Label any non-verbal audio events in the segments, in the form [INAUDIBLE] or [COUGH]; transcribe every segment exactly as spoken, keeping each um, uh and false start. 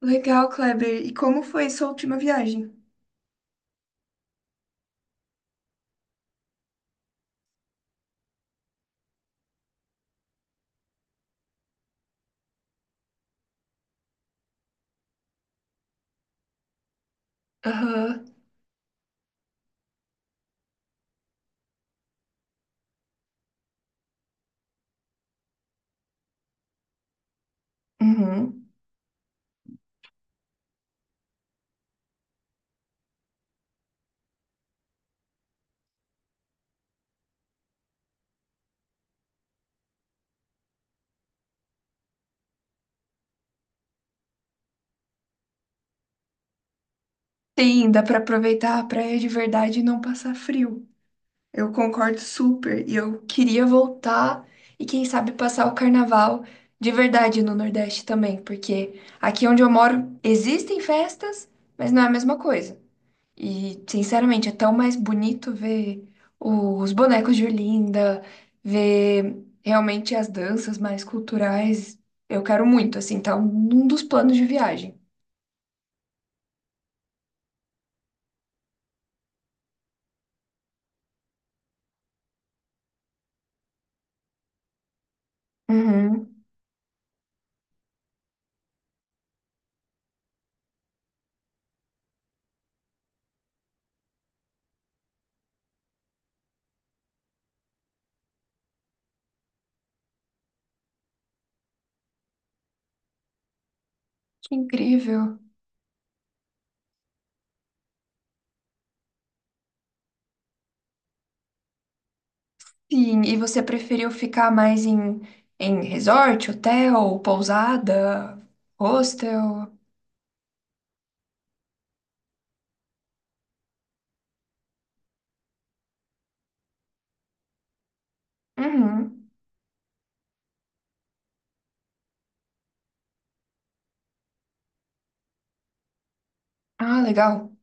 Legal, Kleber. E como foi sua última viagem? Aham, uhum. Sim, dá pra aproveitar a praia de verdade e não passar frio. Eu concordo super. E eu queria voltar e, quem sabe, passar o carnaval de verdade no Nordeste também, porque aqui onde eu moro existem festas, mas não é a mesma coisa. E, sinceramente, é tão mais bonito ver os bonecos de Olinda, ver realmente as danças mais culturais. Eu quero muito, assim, tá num dos planos de viagem. Uhum, que incrível. Sim, e você preferiu ficar mais em, em resort, hotel, pousada, hostel? Uhum. Ah, legal.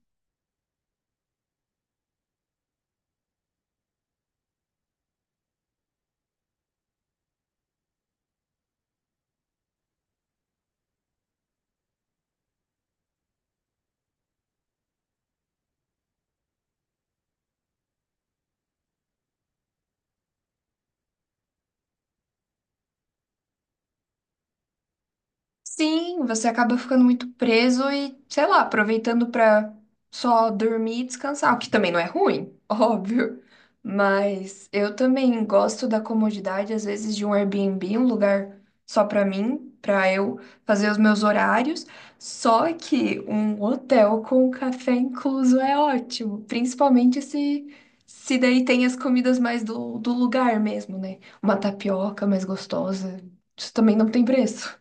Sim, você acaba ficando muito preso e, sei lá, aproveitando pra só dormir e descansar, o que também não é ruim, [LAUGHS] óbvio. Mas eu também gosto da comodidade, às vezes, de um Airbnb, um lugar só pra mim, pra eu fazer os meus horários. Só que um hotel com café incluso é ótimo, principalmente se se daí tem as comidas mais do, do lugar mesmo, né? Uma tapioca mais gostosa, isso também não tem preço.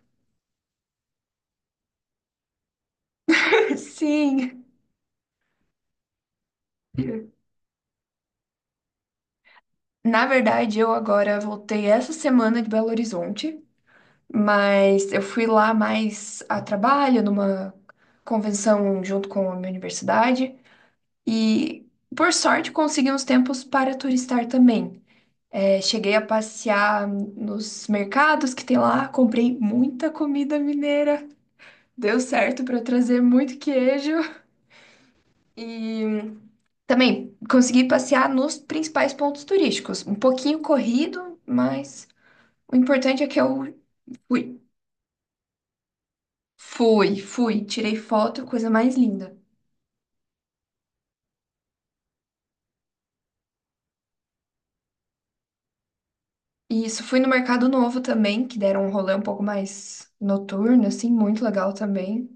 Sim. Na verdade, eu agora voltei essa semana de Belo Horizonte, mas eu fui lá mais a trabalho, numa convenção junto com a minha universidade, e por sorte consegui uns tempos para turistar também. É, cheguei a passear nos mercados que tem lá, comprei muita comida mineira, deu certo para trazer muito queijo e também consegui passear nos principais pontos turísticos. Um pouquinho corrido, mas o importante é que eu fui. Fui, fui, tirei foto, coisa mais linda. E isso, fui no Mercado Novo também, que deram um rolê um pouco mais noturno, assim, muito legal também.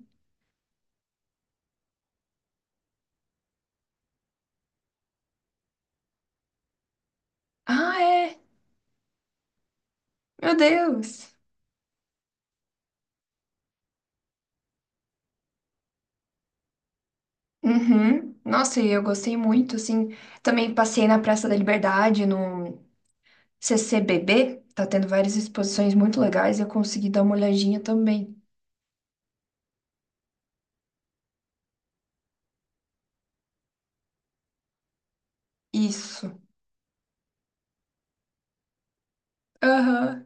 Ah, é! Meu Deus! Uhum. Nossa, e eu gostei muito, assim. Também passei na Praça da Liberdade, no C C B B. Tá tendo várias exposições muito legais e eu consegui dar uma olhadinha também. Isso. Aham,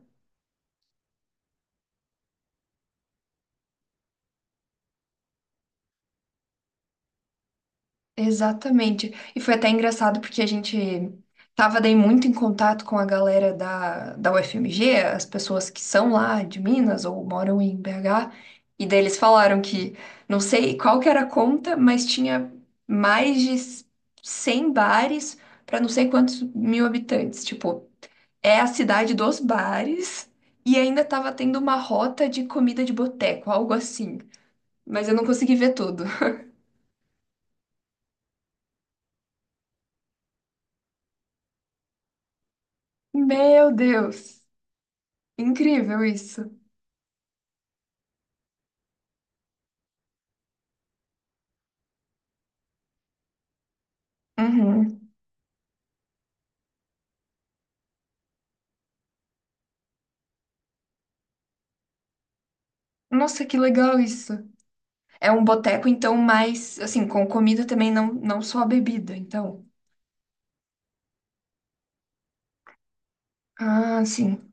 exatamente. E foi até engraçado porque a gente tava daí muito em contato com a galera da, da U F M G, as pessoas que são lá de Minas ou moram em B H, e daí eles falaram que não sei qual que era a conta, mas tinha mais de cem bares para não sei quantos mil habitantes. Tipo, é a cidade dos bares e ainda tava tendo uma rota de comida de boteco, algo assim. Mas eu não consegui ver tudo. [LAUGHS] Meu Deus! Incrível isso. Uhum. Nossa, que legal isso. É um boteco, então, mais assim, com comida também, não, não só a bebida, então. Ah, sim.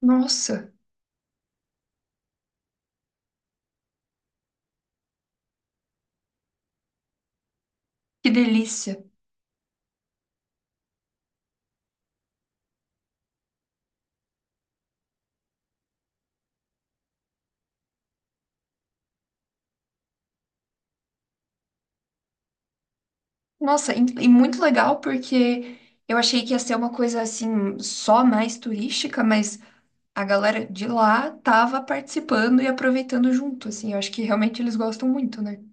Nossa, que delícia. Nossa, e, e muito legal porque eu achei que ia ser uma coisa assim, só mais turística, mas a galera de lá tava participando e aproveitando junto, assim. Eu acho que realmente eles gostam muito, né?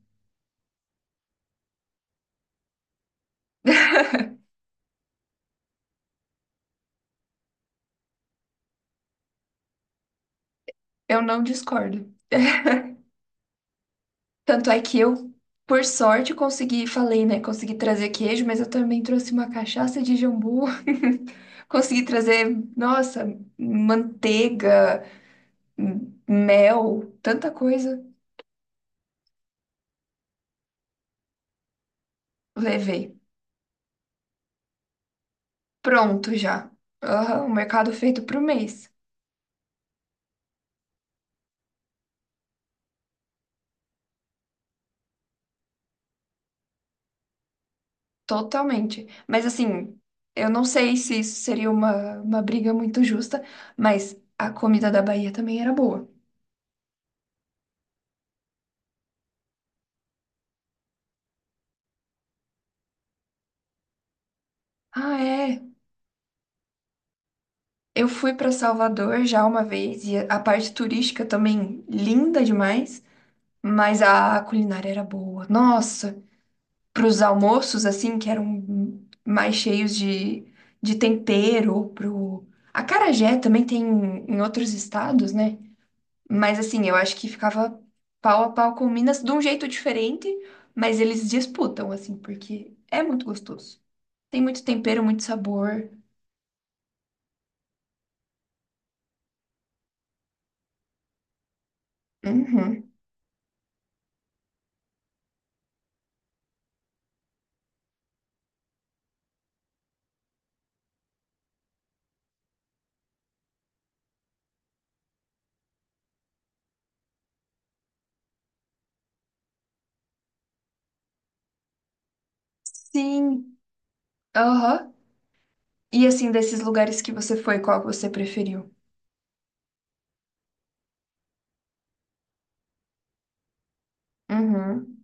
Eu não discordo. Tanto é que eu, por sorte, consegui, falei, né? Consegui trazer queijo, mas eu também trouxe uma cachaça de jambu. [LAUGHS] Consegui trazer, nossa, manteiga, m- mel, tanta coisa. Levei. Pronto já. Aham, o mercado feito pro mês. Totalmente. Mas assim, eu não sei se isso seria uma, uma briga muito justa, mas a comida da Bahia também era boa. Ah, é. Eu fui para Salvador já uma vez e a parte turística também linda demais, mas a culinária era boa. Nossa, para os almoços assim que eram mais cheios de, de tempero, pro acarajé também tem em outros estados, né? Mas assim, eu acho que ficava pau a pau com Minas de um jeito diferente, mas eles disputam assim, porque é muito gostoso. Tem muito tempero, muito sabor. Uhum. Sim. Aham. E assim, desses lugares que você foi, qual que você preferiu? Uhum.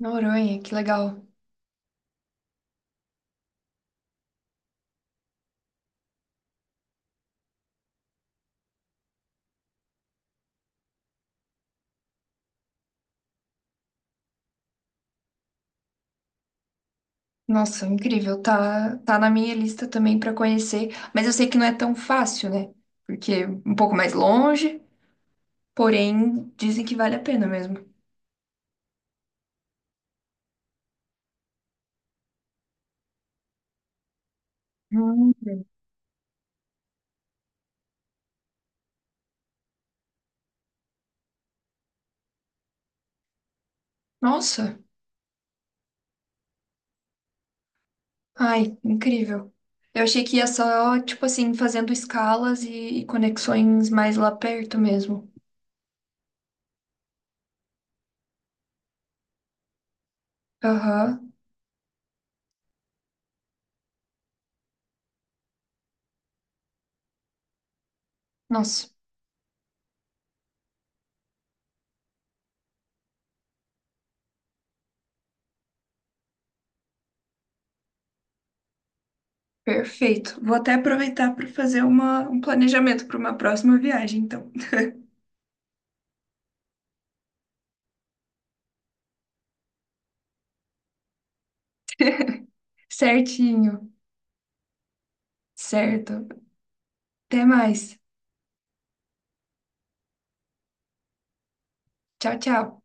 Noronha, que legal. Nossa, incrível. Tá, tá na minha lista também pra conhecer, mas eu sei que não é tão fácil, né? Porque é um pouco mais longe, porém dizem que vale a pena mesmo. Hum. Nossa, ai, incrível. Eu achei que ia só, tipo assim, fazendo escalas e, e conexões mais lá perto mesmo. Aham. Nossa. Perfeito. Vou até aproveitar para fazer uma, um planejamento para uma próxima viagem, então. Certinho. Certo. Até mais. Tchau, tchau.